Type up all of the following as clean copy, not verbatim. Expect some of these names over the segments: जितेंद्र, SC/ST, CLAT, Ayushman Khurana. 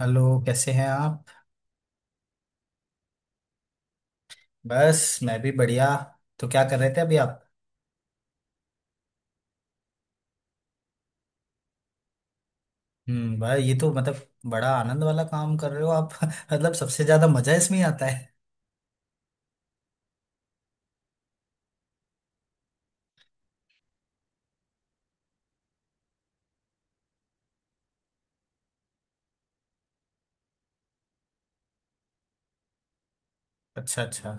Hello. कैसे हैं आप? बस मैं भी बढ़िया। तो क्या कर रहे थे अभी आप? भाई ये तो मतलब बड़ा आनंद वाला काम कर रहे हो आप। मतलब सबसे ज्यादा मजा इसमें ही आता है। अच्छा, अच्छा।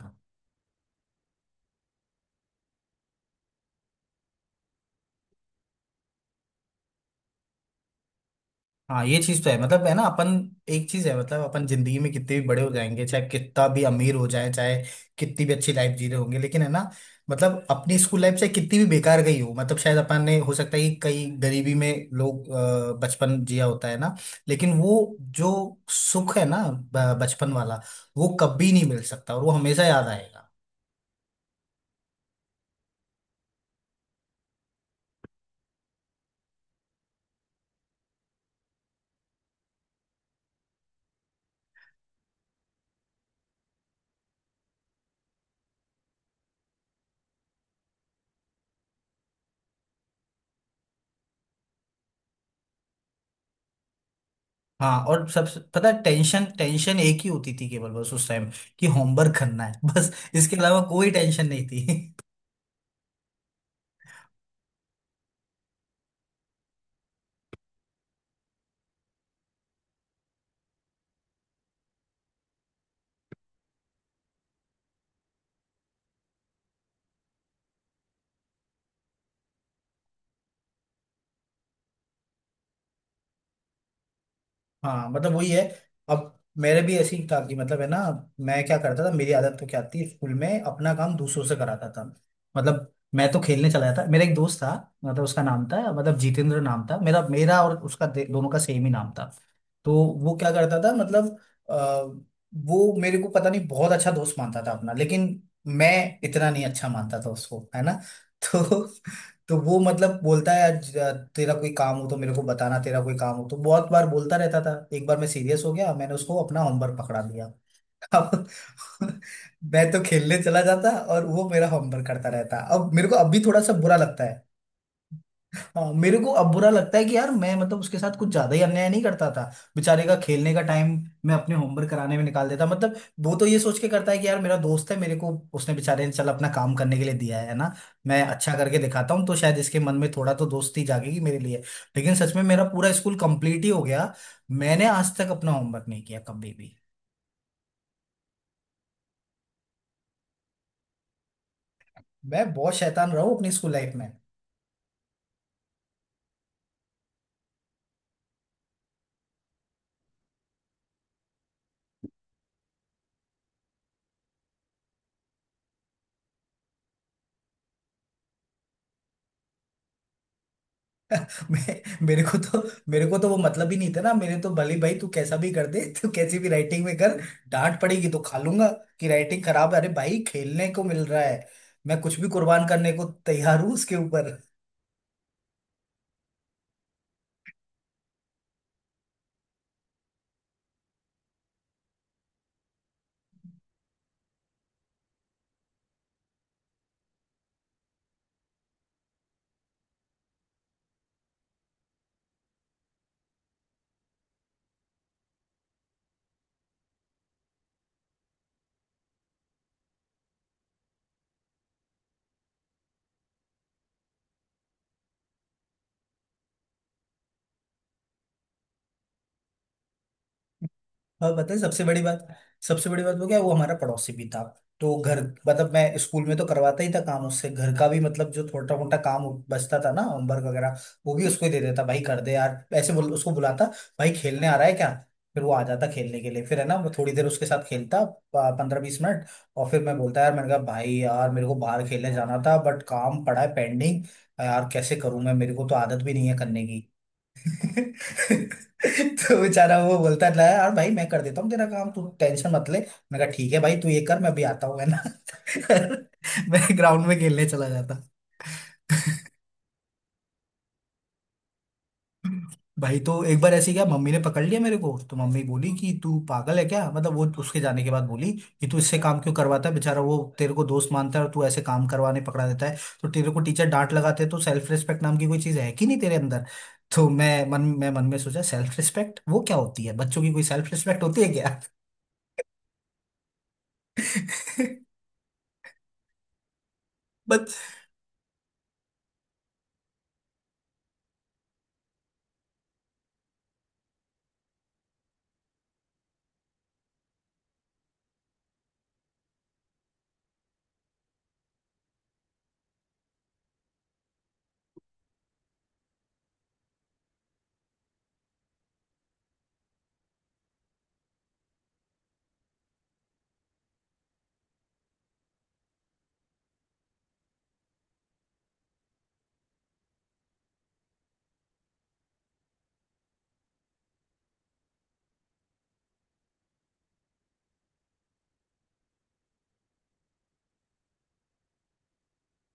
हाँ, ये चीज तो है, मतलब है ना अपन। एक चीज है, मतलब अपन जिंदगी में कितने भी बड़े हो जाएंगे, चाहे कितना भी अमीर हो जाए, चाहे कितनी भी अच्छी लाइफ जी रहे होंगे, लेकिन है ना, मतलब अपनी स्कूल लाइफ से कितनी भी बेकार गई हो, मतलब शायद अपन ने, हो सकता है कि कई गरीबी में लोग बचपन जिया, होता है ना, लेकिन वो जो सुख है ना, बचपन वाला, वो कभी नहीं मिल सकता और वो हमेशा याद आएगा। हाँ, और सब पता है, टेंशन टेंशन एक ही होती थी, केवल बस उस टाइम, कि होमवर्क करना है। बस इसके अलावा कोई टेंशन नहीं थी। हाँ, मतलब वही है। अब मेरे भी ऐसी था कि मतलब है ना, मैं क्या करता था, मेरी आदत तो क्या थी, स्कूल में अपना काम दूसरों से कराता था। मतलब मैं तो खेलने चला जाता। मेरा एक दोस्त था, मतलब उसका नाम था, मतलब जितेंद्र नाम था, मेरा मेरा और उसका दोनों का सेम ही नाम था। तो वो क्या करता था, मतलब, आ, वो मेरे को पता नहीं बहुत अच्छा दोस्त मानता था अपना, लेकिन मैं इतना नहीं अच्छा मानता था उसको, है ना। तो तो वो मतलब बोलता है, आज, तेरा कोई काम हो तो मेरे को बताना, तेरा कोई काम हो तो। बहुत बार बोलता रहता था। एक बार मैं सीरियस हो गया, मैंने उसको अपना होमवर्क पकड़ा दिया। अब मैं तो खेलने चला जाता और वो मेरा होमवर्क करता रहता। अब मेरे को अब भी थोड़ा सा बुरा लगता है। हाँ, मेरे को अब बुरा लगता है कि यार मैं, मतलब उसके साथ कुछ ज्यादा ही अन्याय नहीं करता था? बेचारे का खेलने का टाइम मैं अपने होमवर्क कराने में निकाल देता, मतलब। वो तो ये सोच के करता है कि यार मेरा दोस्त है, मेरे को उसने बेचारे ने चल अपना काम करने के लिए दिया है ना, मैं अच्छा करके दिखाता हूँ तो शायद इसके मन में थोड़ा तो दोस्ती जागेगी मेरे लिए। लेकिन सच में मेरा पूरा स्कूल कंप्लीट ही हो गया, मैंने आज तक अपना होमवर्क नहीं किया कभी भी। मैं बहुत शैतान रहा हूँ अपनी स्कूल लाइफ में। मेरे को तो, मेरे को तो वो मतलब ही नहीं था ना। मेरे तो भले, भाई तू कैसा भी कर दे, तू कैसी भी राइटिंग में कर, डांट पड़ेगी तो खा लूंगा कि राइटिंग खराब है। अरे भाई, खेलने को मिल रहा है, मैं कुछ भी कुर्बान करने को तैयार हूँ उसके ऊपर। और पता है सबसे बड़ी बात, सबसे बड़ी बात वो क्या है, वो हमारा पड़ोसी भी था। तो घर, मतलब मैं स्कूल में तो करवाता ही था काम उससे, घर का भी, मतलब जो छोटा मोटा काम बचता था ना, होमवर्क वगैरह, वो भी उसको ही दे देता। भाई कर दे यार, ऐसे बोल, उसको बुलाता, भाई खेलने आ रहा है क्या? फिर वो आ जाता खेलने के लिए, फिर है ना वो थोड़ी देर उसके साथ खेलता, 15-20 मिनट। और फिर मैं बोलता, यार, मैंने कहा, भाई यार मेरे को बाहर खेलने जाना था बट काम पड़ा है पेंडिंग, यार कैसे करूं मैं, मेरे को तो आदत भी नहीं है करने की। तो बेचारा वो बोलता है, यार भाई मैं कर देता हूँ तेरा काम, तू टेंशन मत ले। मैं कहा ठीक है भाई, तू ये कर, मैं अभी आता हूँ, है ना। मैं ग्राउंड में खेलने चला जाता। भाई, तो एक बार ऐसे क्या मम्मी ने पकड़ लिया मेरे को, तो मम्मी बोली कि तू पागल है क्या, मतलब वो उसके जाने के बाद बोली कि तू इससे काम क्यों करवाता है? बेचारा वो तेरे को दोस्त मानता है और तू ऐसे काम करवाने पकड़ा देता है, तो तेरे को टीचर डांट लगाते हैं, तो सेल्फ रिस्पेक्ट नाम की कोई चीज है कि नहीं तेरे अंदर? तो मैं मन में सोचा, सेल्फ रिस्पेक्ट वो क्या होती है, बच्चों की कोई सेल्फ रिस्पेक्ट होती है क्या?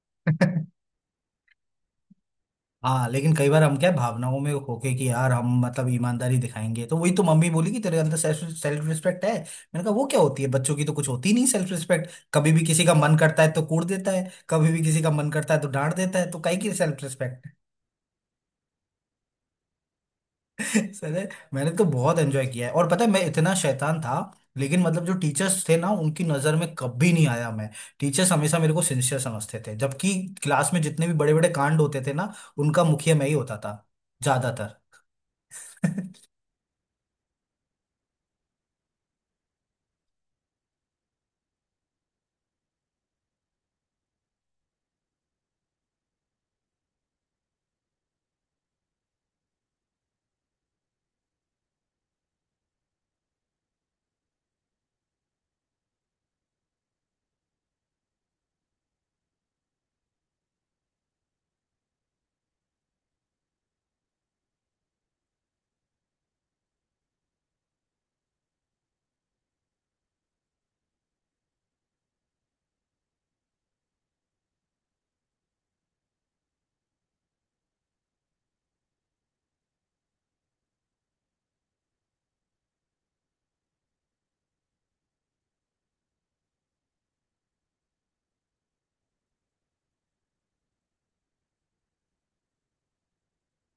बच, हाँ लेकिन कई बार हम क्या है, भावनाओं में होके कि यार हम मतलब ईमानदारी दिखाएंगे। तो वही तो मम्मी बोली कि तेरे अंदर सेल्फ सेल्फ रिस्पेक्ट है। मैंने कहा वो क्या होती है, बच्चों की तो कुछ होती नहीं सेल्फ रिस्पेक्ट। कभी भी किसी का मन करता है तो कूट देता है, कभी भी किसी का मन करता है तो डांट देता है, तो काहे की सेल्फ रिस्पेक्ट। सर है, मैंने तो बहुत एंजॉय किया है। और पता है मैं इतना शैतान था, लेकिन मतलब जो टीचर्स थे ना उनकी नजर में कभी नहीं आया मैं। टीचर्स हमेशा मेरे को सिंसियर समझते थे, जबकि क्लास में जितने भी बड़े बड़े कांड होते थे ना, उनका मुखिया मैं ही होता था, ज्यादातर।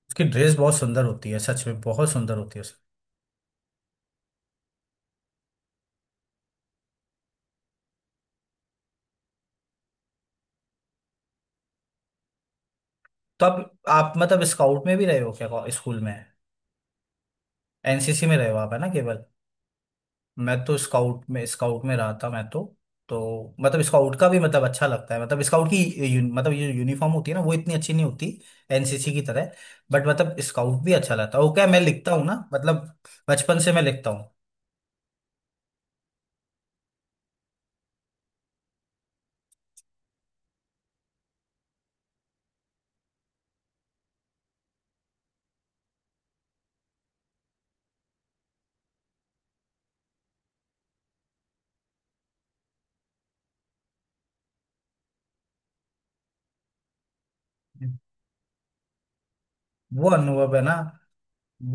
उसकी ड्रेस बहुत सुंदर होती है, सच में बहुत सुंदर होती है उसकी। तो आप मतलब स्काउट में भी रहे हो क्या, स्कूल में, एनसीसी में रहे हो आप है ना, केवल? मैं तो स्काउट में रहा था मैं तो। तो मतलब स्काउट का भी मतलब अच्छा लगता है, मतलब स्काउट की मतलब ये यूनिफॉर्म होती है ना, वो इतनी अच्छी नहीं होती एनसीसी की तरह। बट मतलब स्काउट भी अच्छा लगता है। वो क्या, मैं लिखता हूँ ना मतलब, बचपन से मैं लिखता हूँ। वो अनुभव है ना,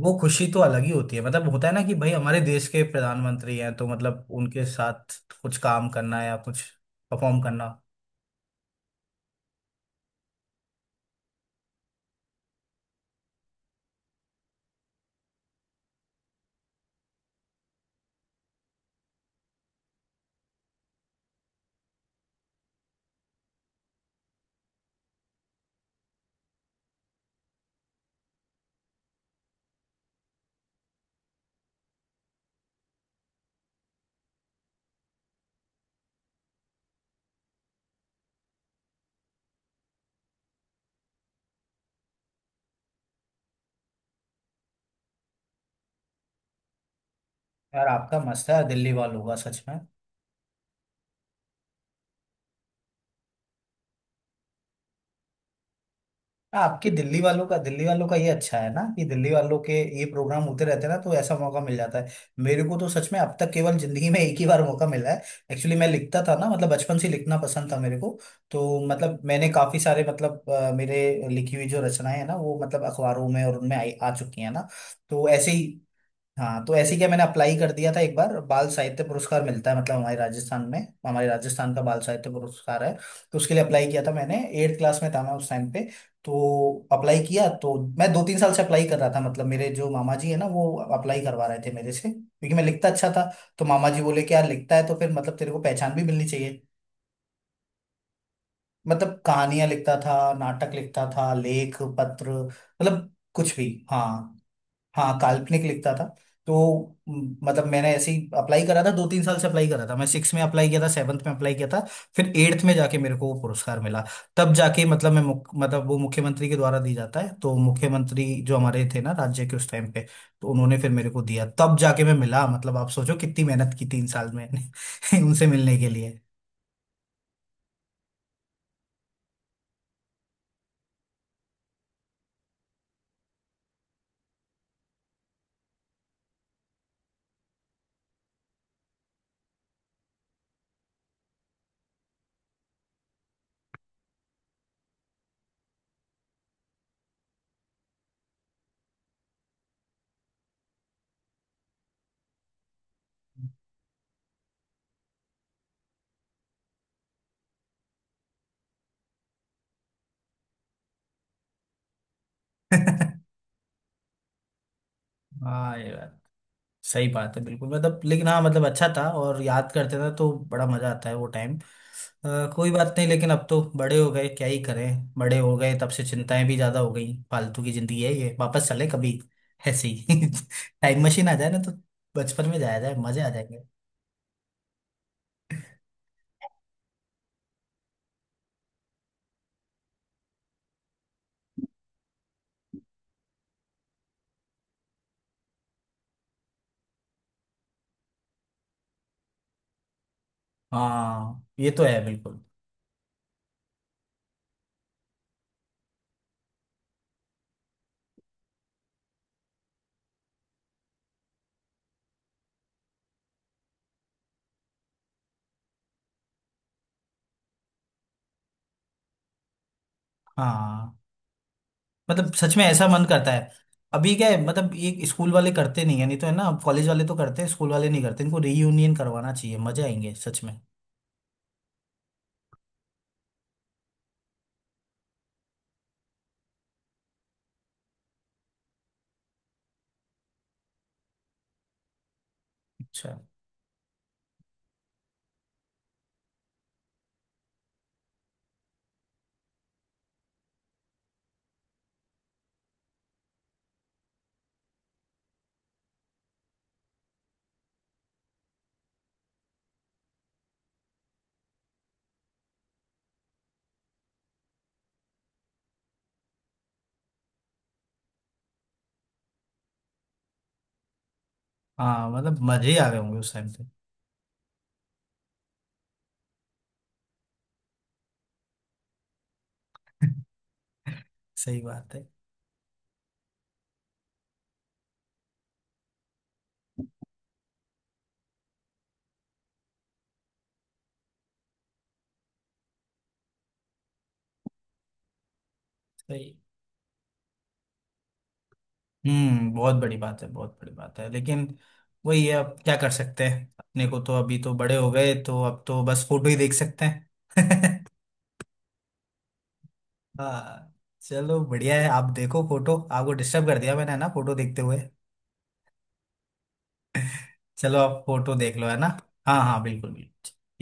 वो खुशी तो अलग ही होती है, मतलब होता है ना कि भाई हमारे देश के प्रधानमंत्री हैं तो मतलब उनके साथ कुछ काम करना या कुछ परफॉर्म करना। यार आपका मस्त है दिल्ली वालों का, सच में। आपके दिल्ली वालों का, दिल्ली वालों का ये अच्छा है ना कि दिल्ली वालों के ये प्रोग्राम होते रहते हैं ना, तो ऐसा मौका मिल जाता है। मेरे को तो सच में अब तक केवल जिंदगी में एक ही बार मौका मिला है। एक्चुअली मैं लिखता था ना, मतलब बचपन से लिखना पसंद था मेरे को। तो मतलब मैंने काफी सारे मतलब मेरे लिखी हुई जो रचनाएं हैं ना वो मतलब अखबारों में और उनमें आई आ चुकी हैं ना। तो ऐसे ही, हाँ तो ऐसे ही क्या मैंने अप्लाई कर दिया था। एक बार बाल साहित्य पुरस्कार मिलता है, मतलब हमारे राजस्थान में। हमारे राजस्थान का बाल साहित्य पुरस्कार है, तो उसके लिए अप्लाई किया था मैंने। एट क्लास में था मैं उस टाइम पे। तो अप्लाई किया, तो मैं 2-3 साल से अप्लाई कर रहा था, मतलब मेरे जो मामा जी है ना, वो अप्लाई करवा रहे थे मेरे से, क्योंकि मैं लिखता अच्छा था। तो मामा जी बोले कि यार लिखता है तो फिर मतलब तेरे को पहचान भी मिलनी चाहिए। मतलब कहानियां लिखता था, नाटक लिखता था, लेख पत्र, मतलब कुछ भी। हाँ, हाँ काल्पनिक लिखता था। तो मतलब मैंने ऐसे ही अप्लाई करा था, 2-3 साल से अप्लाई करा था। मैं सिक्स में अप्लाई किया था, सेवन्थ में अप्लाई किया था, फिर एट्थ में जाके मेरे को वो पुरस्कार मिला। तब जाके मतलब मैं मतलब वो मुख्यमंत्री के द्वारा दी जाता है, तो मुख्यमंत्री जो हमारे थे ना राज्य के उस टाइम पे, तो उन्होंने फिर मेरे को दिया। तब जाके मैं मिला, मतलब आप सोचो कितनी मेहनत की 3 साल में उनसे मिलने के लिए। हाँ ये बात, सही बात है बिल्कुल, मतलब। लेकिन हाँ मतलब अच्छा था, और याद करते थे तो बड़ा मजा आता है वो टाइम। कोई बात नहीं, लेकिन अब तो बड़े हो गए, क्या ही करें। बड़े हो गए, तब से चिंताएं भी ज्यादा हो गई, फालतू की जिंदगी है ये, वापस चले कभी ऐसे ही। टाइम मशीन आ जाए ना, तो बचपन में जाया जाए, मजे आ जाएंगे। हाँ ये तो है बिल्कुल। हाँ मतलब सच में ऐसा मन करता है। अभी क्या है, मतलब ये स्कूल वाले करते नहीं है, नहीं तो है ना कॉलेज वाले तो करते हैं, स्कूल वाले नहीं करते। इनको रीयूनियन करवाना चाहिए, मजे आएंगे सच में। अच्छा। हाँ मतलब मजे ही आ गए होंगे उस टाइम पे। सही बात है, सही। हम्म, बहुत बड़ी बात है, बहुत बड़ी बात है लेकिन वही है, अब क्या कर सकते हैं अपने को। तो अभी तो बड़े हो गए, तो अब तो बस फोटो ही देख सकते हैं। हाँ, चलो बढ़िया है। आप देखो फोटो, आपको डिस्टर्ब कर दिया मैंने है ना, फोटो देखते हुए। चलो आप फोटो देख लो है ना। हाँ, हाँ, बिल्कुल बिल्कुल।